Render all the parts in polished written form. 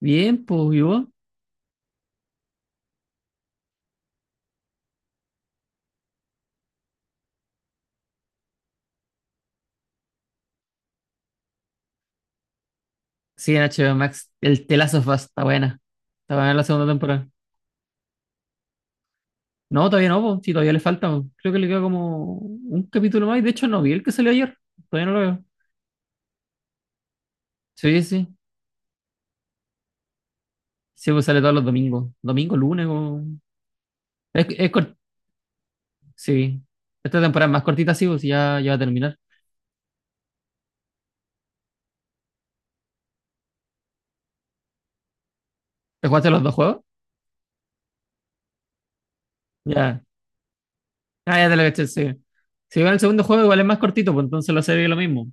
Bien, pues, ¿y vos? Sí, en HBO Max. El telazo está buena. Está buena la segunda temporada. No, todavía no, pues. Sí, todavía le falta, po. Creo que le queda como un capítulo más. Y de hecho, no vi el que salió ayer. Todavía no lo veo. Sí, sí. Sí, pues sale todos los domingos. Domingo, lunes. Es, es cort- Sí. Esta temporada es más cortita, sí, pues ya, ya va a terminar. ¿Te jugaste los dos juegos? Ya. Ah, ya te lo caché, sí. Si va el segundo juego, igual es más cortito, pues entonces la serie es lo mismo.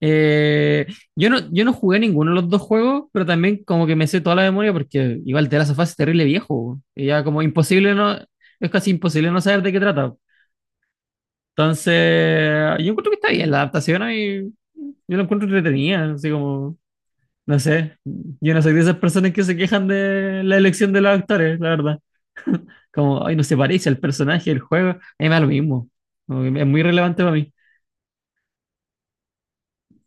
Eh, yo no jugué ninguno de los dos juegos, pero también como que me sé toda la memoria porque igual The Last of Us es terrible viejo, weón. Y ya como imposible no, es casi imposible no saber de qué trata. Entonces, yo encuentro que está bien la adaptación y yo lo encuentro entretenida, así como, no sé, yo no soy de esas personas que se quejan de la elección de los actores, la verdad. Como, ay, no se parece al personaje del juego, a mí me da lo mismo. Como que es muy relevante para mí.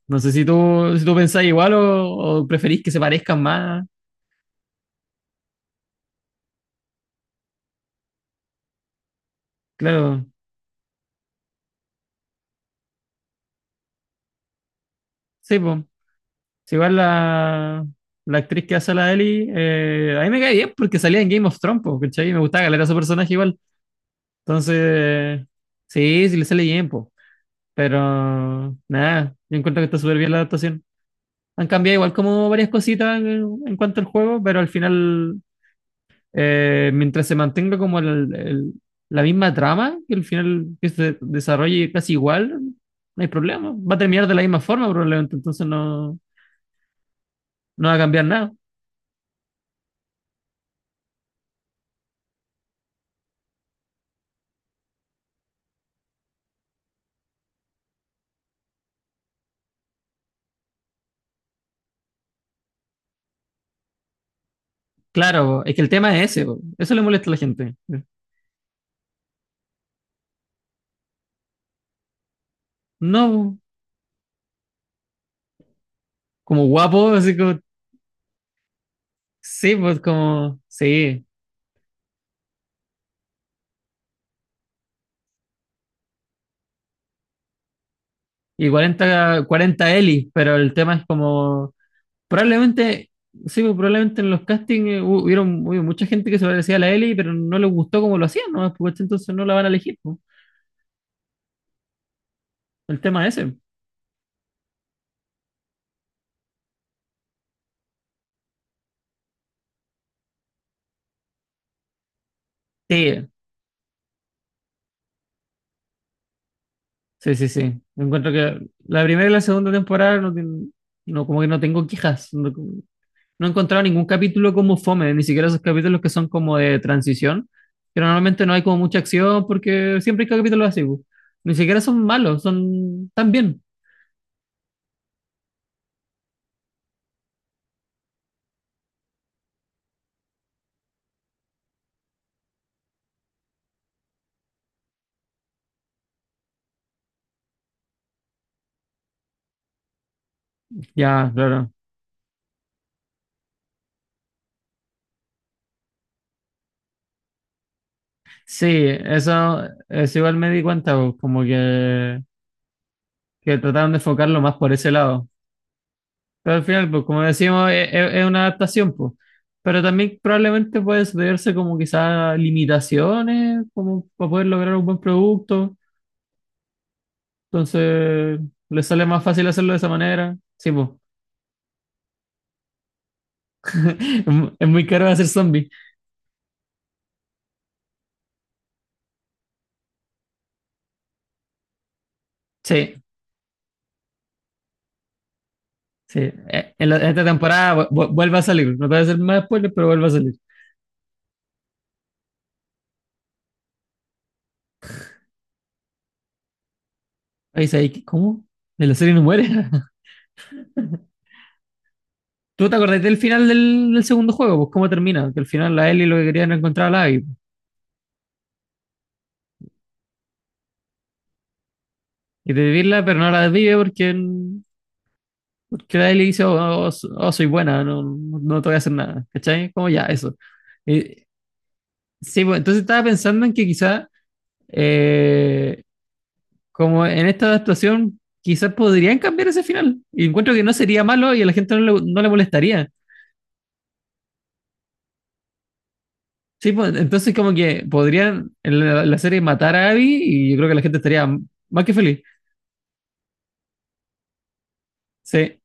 No sé si tú pensás igual o preferís que se parezcan más. Claro, sí, pues. Igual la actriz que hace a la Ellie, a mí me cae bien porque salía en Game of Thrones, po, ¿cachai? Me gustaba caleta su personaje igual. Entonces, sí, sí le sale bien, pues. Pero, nada, yo encuentro que está súper bien la adaptación. Han cambiado igual como varias cositas en cuanto al juego, pero al final, mientras se mantenga como la misma trama, que al final que se desarrolle casi igual, no hay problema. Va a terminar de la misma forma probablemente, entonces no, no va a cambiar nada. Claro, es que el tema es ese, po, eso le molesta a la gente. No, como guapo, así como, sí, pues como, sí, y 40, cuarenta Eli, pero el tema es como, probablemente, sí, pues probablemente en los castings hubieron, hubo mucha gente que se parecía a la Eli, pero no le gustó como lo hacían, ¿no? Pues, entonces no la van a elegir, po. El tema es ese. Sí, sí, sí, sí. Encuentro que la primera y la segunda temporada no, no como que no tengo quejas. No he encontrado ningún capítulo como fome, ni siquiera esos capítulos que son como de transición, pero normalmente no hay como mucha acción porque siempre hay capítulos así, bu. Ni siquiera son malos, son tan bien. Ya, claro. Sí, eso igual me di cuenta, bu, como que, trataron de enfocarlo más por ese lado. Pero al final, pues como decimos, es una adaptación, pues. Pero también probablemente puede sucederse como quizás limitaciones, como para poder lograr un buen producto. Entonces, le sale más fácil hacerlo de esa manera. Sí, pues. Es muy caro hacer zombies. Sí, sí. En esta temporada vuelve a salir. No te voy a hacer más spoilers, pero vuelve a salir. Ahí dice, "Ay, ¿cómo? De la serie no muere." ¿Tú te acordás del final del segundo juego? Pues cómo termina. Que al final la Ellie lo que quería era encontrar a la Abby. Y desvivirla, pero no la desvive porque, porque la Ellie dice, oh, oh, oh, oh, soy buena, no, no te voy a hacer nada. ¿Cachai? Como ya, eso. Y- sí, pues, entonces estaba pensando en que quizá eh, como en esta actuación quizás podrían cambiar ese final. Y encuentro que no sería malo y a la gente no le molestaría. Sí, pues, entonces como que podrían en la serie matar a Abby y yo creo que la gente estaría más que feliz. Sí,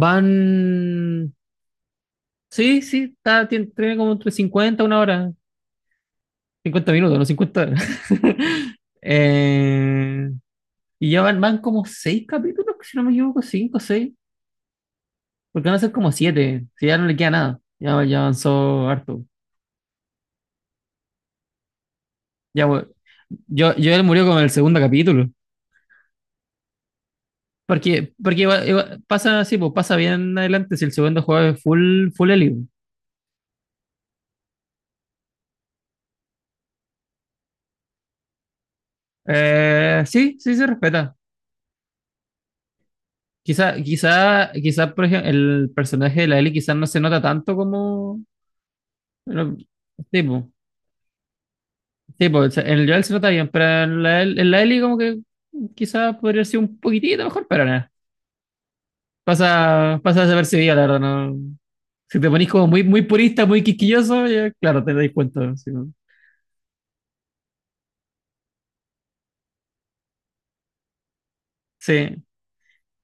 van. Sí, sí, está, tiene como entre 50 una hora, 50 minutos, no 50 horas. Eh, y ya van como 6 capítulos, si no me equivoco, 5 6 porque van a ser como 7 si ya no le queda nada, ya, ya avanzó harto. Ya, bueno, yo él murió con el segundo capítulo. Porque pasa así, pues pasa bien adelante si el segundo juego es full, full Ellie, pues. Sí, sí se respeta. Quizá, por ejemplo, el personaje de la Ellie quizás no se nota tanto como. Bueno, tipo, tipo, o sea, en el Joel se nota bien, pero en en la Ellie como que quizás podría ser un poquitito mejor, pero nada. Pasa desapercibida, la verdad, no. Si te ponís como muy, muy purista, muy quisquilloso, ya, claro, te das cuenta. Sí, pues. Sí,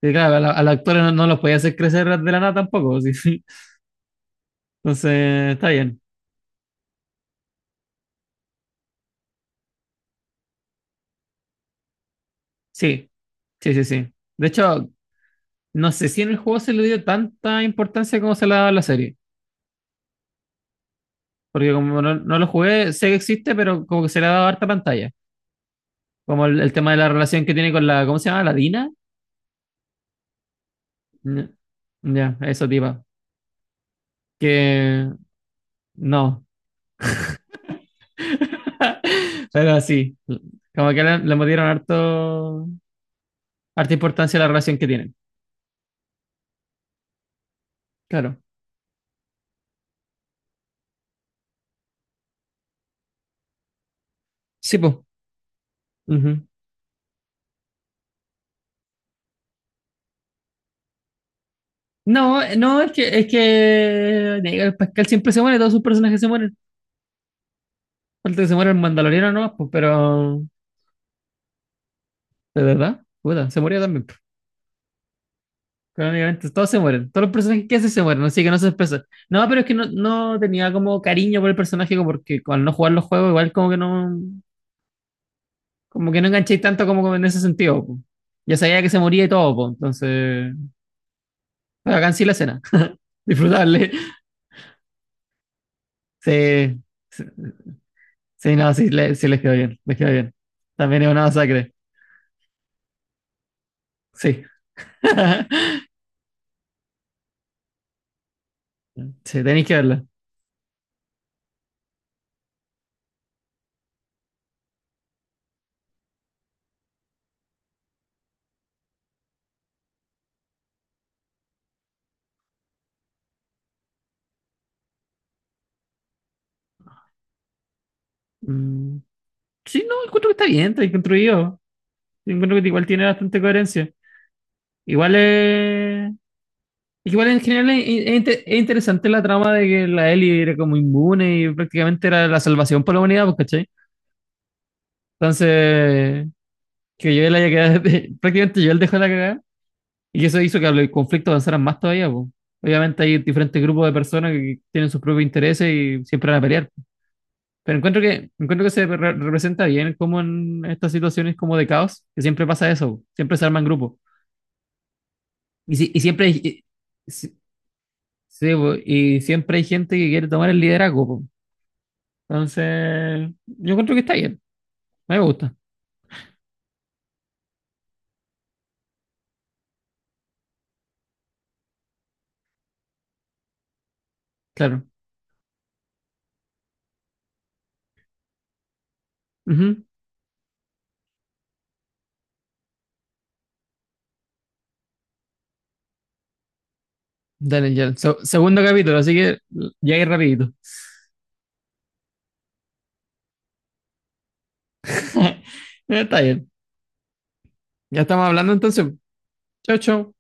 y claro, a los actores no, no los podía hacer crecer de la nada tampoco. sí, sí. Entonces, está bien. Sí, sí, sí, sí. De hecho, no sé si en el juego se le dio tanta importancia como se le ha dado a la serie. Porque como no, no lo jugué, sé que existe, pero como que se le ha dado harta pantalla. Como el tema de la relación que tiene con la, ¿cómo se llama? ¿La Dina? Ya, ya, eso, tipa. Que no. Pero sí, como que le dieron harto, harta importancia a la relación que tienen. Claro. Sí, pues. No, no, es que nega, Pascal siempre se muere, todos sus personajes se mueren. Falta que se muera el Mandaloriano nomás, pues, pero de verdad, puta, se murió también, pues. Crónicamente, todos se mueren, todos los personajes que hace se mueren, así que no se expresa. No, pero es que no tenía como cariño por el personaje, como porque al no jugar los juegos, igual como que no enganchéis tanto como en ese sentido, pues. Ya sabía que se moría y todo, pues, entonces, pero acá en sí la escena, disfrutarle. Sí, sí, sí, no, sí, sí les quedó bien, les quedó bien. También es una masacre, sí. sí, tenéis que verla. Mm, Sí, no, encuentro que está bien construido. Encuentro que igual tiene bastante coherencia. Igual es. Igual en general es interesante la trama de que la Ellie era como inmune y prácticamente era la salvación para la humanidad, pues, ¿cachai? Entonces, que yo haya quedado. Prácticamente yo él dejó la cagada y eso hizo que el conflicto avanzara más todavía, pues. Obviamente hay diferentes grupos de personas que tienen sus propios intereses y siempre van a pelear. Pero encuentro que se representa bien como en estas situaciones como de caos, que siempre pasa eso, siempre se arman grupos. Y siempre hay, y- si- sí, po, y siempre hay gente que quiere tomar el liderazgo, po. Entonces, yo encuentro que está bien, a mí me gusta, claro. Ujú. Dale, ya. Segundo capítulo, así que ya ir rapidito. Está bien. Ya estamos hablando entonces. Chao, chao.